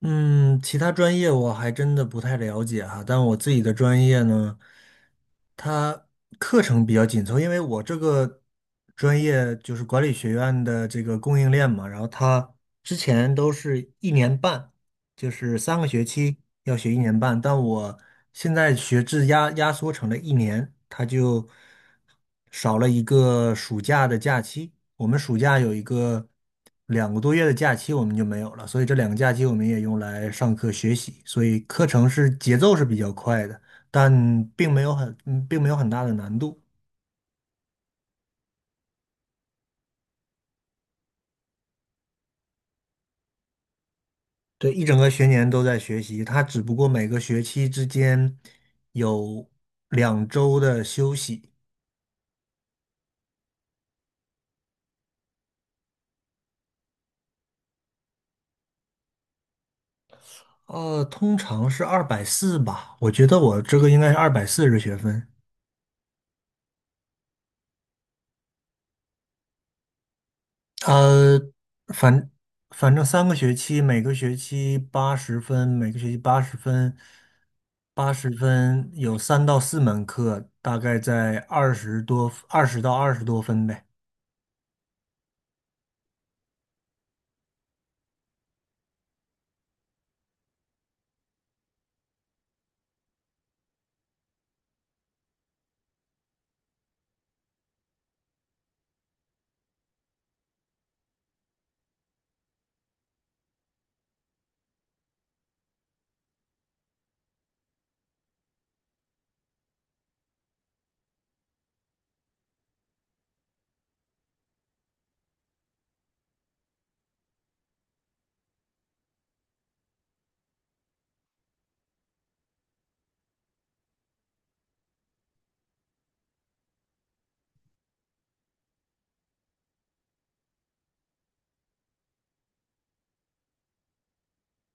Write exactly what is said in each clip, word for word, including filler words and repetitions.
嗯，其他专业我还真的不太了解哈，但我自己的专业呢，它课程比较紧凑，因为我这个专业就是管理学院的这个供应链嘛，然后它之前都是一年半，就是三个学期要学一年半，但我现在学制压压缩成了一年，它就少了一个暑假的假期。我们暑假有一个两个多月的假期，我们就没有了，所以这两个假期我们也用来上课学习，所以课程是节奏是比较快的，但并没有很，嗯并没有很大的难度。对，一整个学年都在学习，它只不过每个学期之间有两周的休息。呃，通常是二百四吧，我觉得我这个应该是二百四十学分。呃，反反正三个学期，每个学期八十分，每个学期八十分，八十分有三到四门课，大概在二十多，二十到二十多分呗。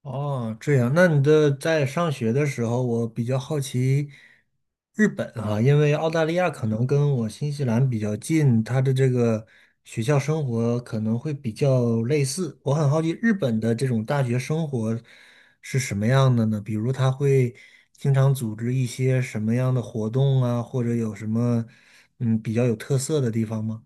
哦，这样，那你的在上学的时候，我比较好奇日本啊，因为澳大利亚可能跟我新西兰比较近，它的这个学校生活可能会比较类似。我很好奇日本的这种大学生活是什么样的呢？比如他会经常组织一些什么样的活动啊，或者有什么嗯比较有特色的地方吗？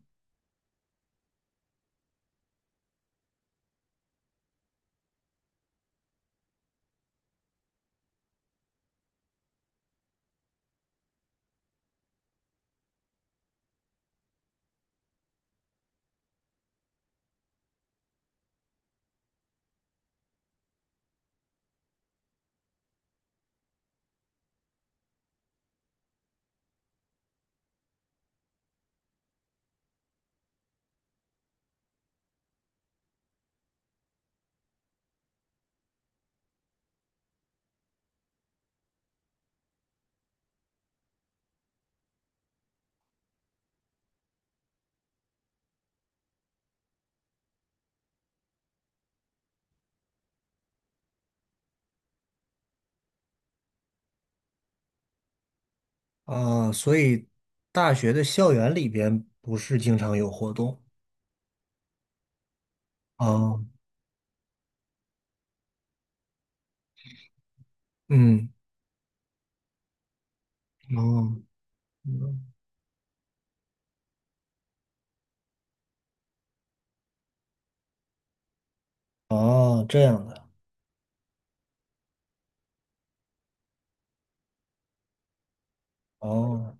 啊，所以大学的校园里边不是经常有活动。啊。嗯，哦，嗯哦，这样的，哦，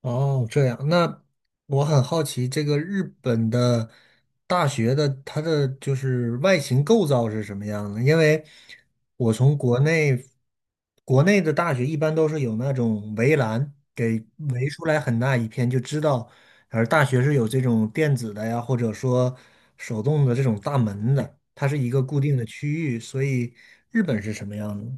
哦，这样。那我很好奇，这个日本的大学的它的就是外形构造是什么样的？因为我从国内国内的大学一般都是有那种围栏给围出来很大一片，就知道，而大学是有这种电子的呀，或者说手动的这种大门的，它是一个固定的区域，所以日本是什么样的？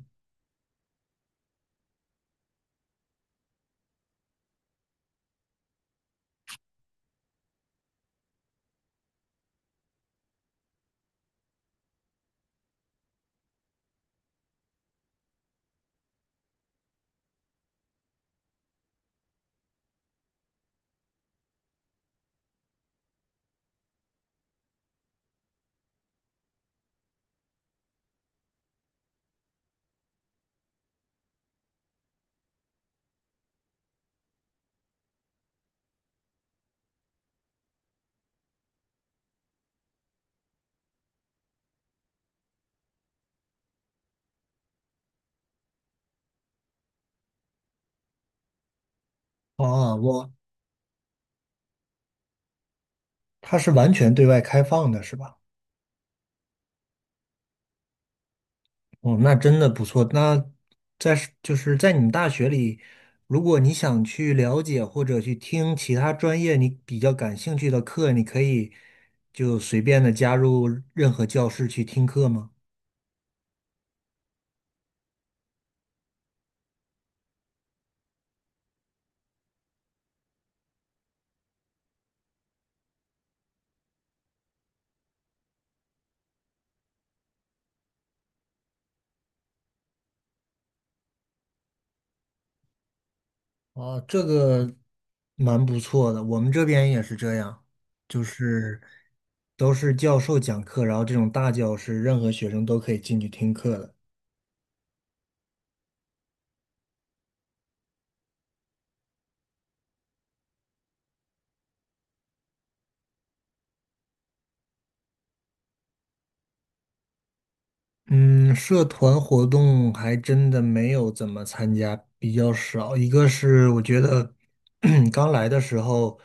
哦，我，它是完全对外开放的，是吧？哦，那真的不错。那在是就是在你们大学里，如果你想去了解或者去听其他专业你比较感兴趣的课，你可以就随便的加入任何教室去听课吗？哦，这个蛮不错的，我们这边也是这样，就是都是教授讲课，然后这种大教室，任何学生都可以进去听课的。嗯，社团活动还真的没有怎么参加，比较少。一个是我觉得 刚来的时候，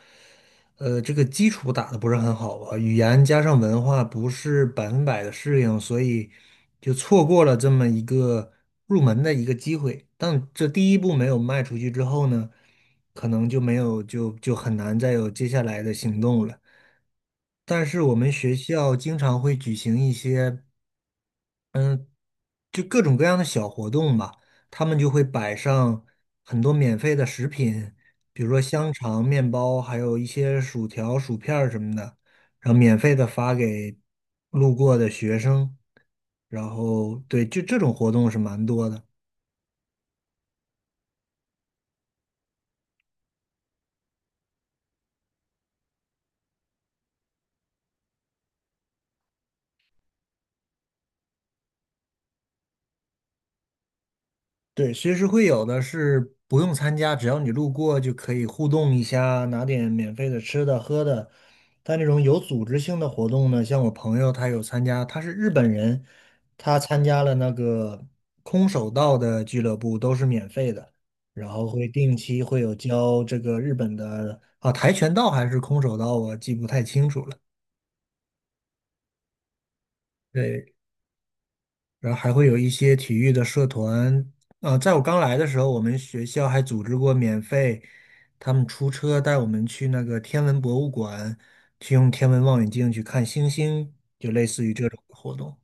呃，这个基础打得不是很好吧，语言加上文化不是百分百的适应，所以就错过了这么一个入门的一个机会。但这第一步没有迈出去之后呢，可能就没有就就很难再有接下来的行动了。但是我们学校经常会举行一些。就各种各样的小活动吧，他们就会摆上很多免费的食品，比如说香肠、面包，还有一些薯条、薯片儿什么的，然后免费的发给路过的学生。然后对，就这种活动是蛮多的。对，随时会有的是不用参加，只要你路过就可以互动一下，拿点免费的吃的喝的。但这种有组织性的活动呢，像我朋友他有参加，他是日本人，他参加了那个空手道的俱乐部，都是免费的，然后会定期会有教这个日本的啊跆拳道还是空手道，我记不太清楚了。对，然后还会有一些体育的社团。啊、在我刚来的时候，我们学校还组织过免费，他们出车带我们去那个天文博物馆，去用天文望远镜去看星星，就类似于这种活动。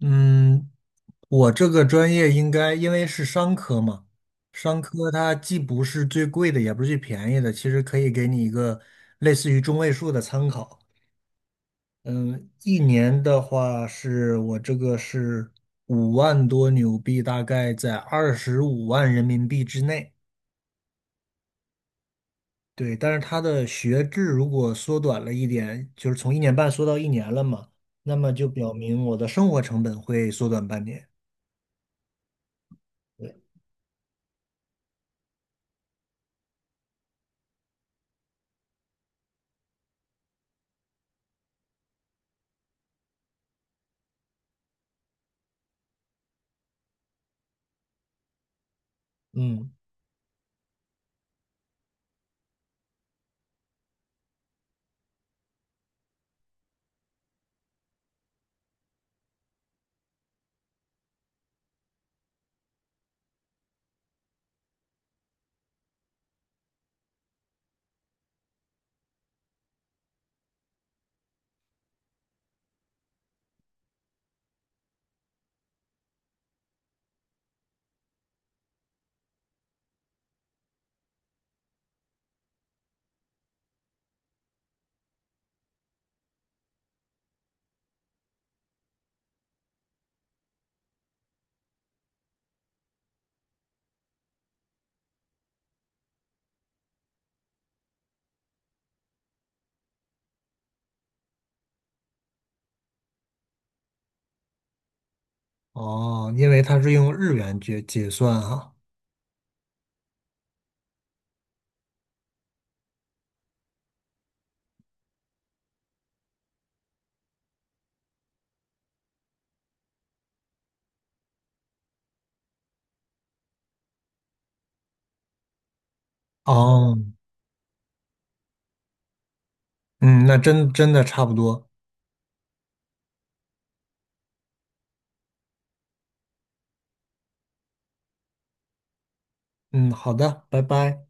嗯，我这个专业应该因为是商科嘛，商科它既不是最贵的，也不是最便宜的，其实可以给你一个类似于中位数的参考。嗯，一年的话是我这个是五万多纽币，大概在二十五万人民币之内。对，但是它的学制如果缩短了一点，就是从一年半缩到一年了嘛，那么就表明我的生活成本会缩短半年。对，嗯，哦，因为它是用日元结结算哈。哦，嗯，那真真的差不多。嗯，好的，拜拜。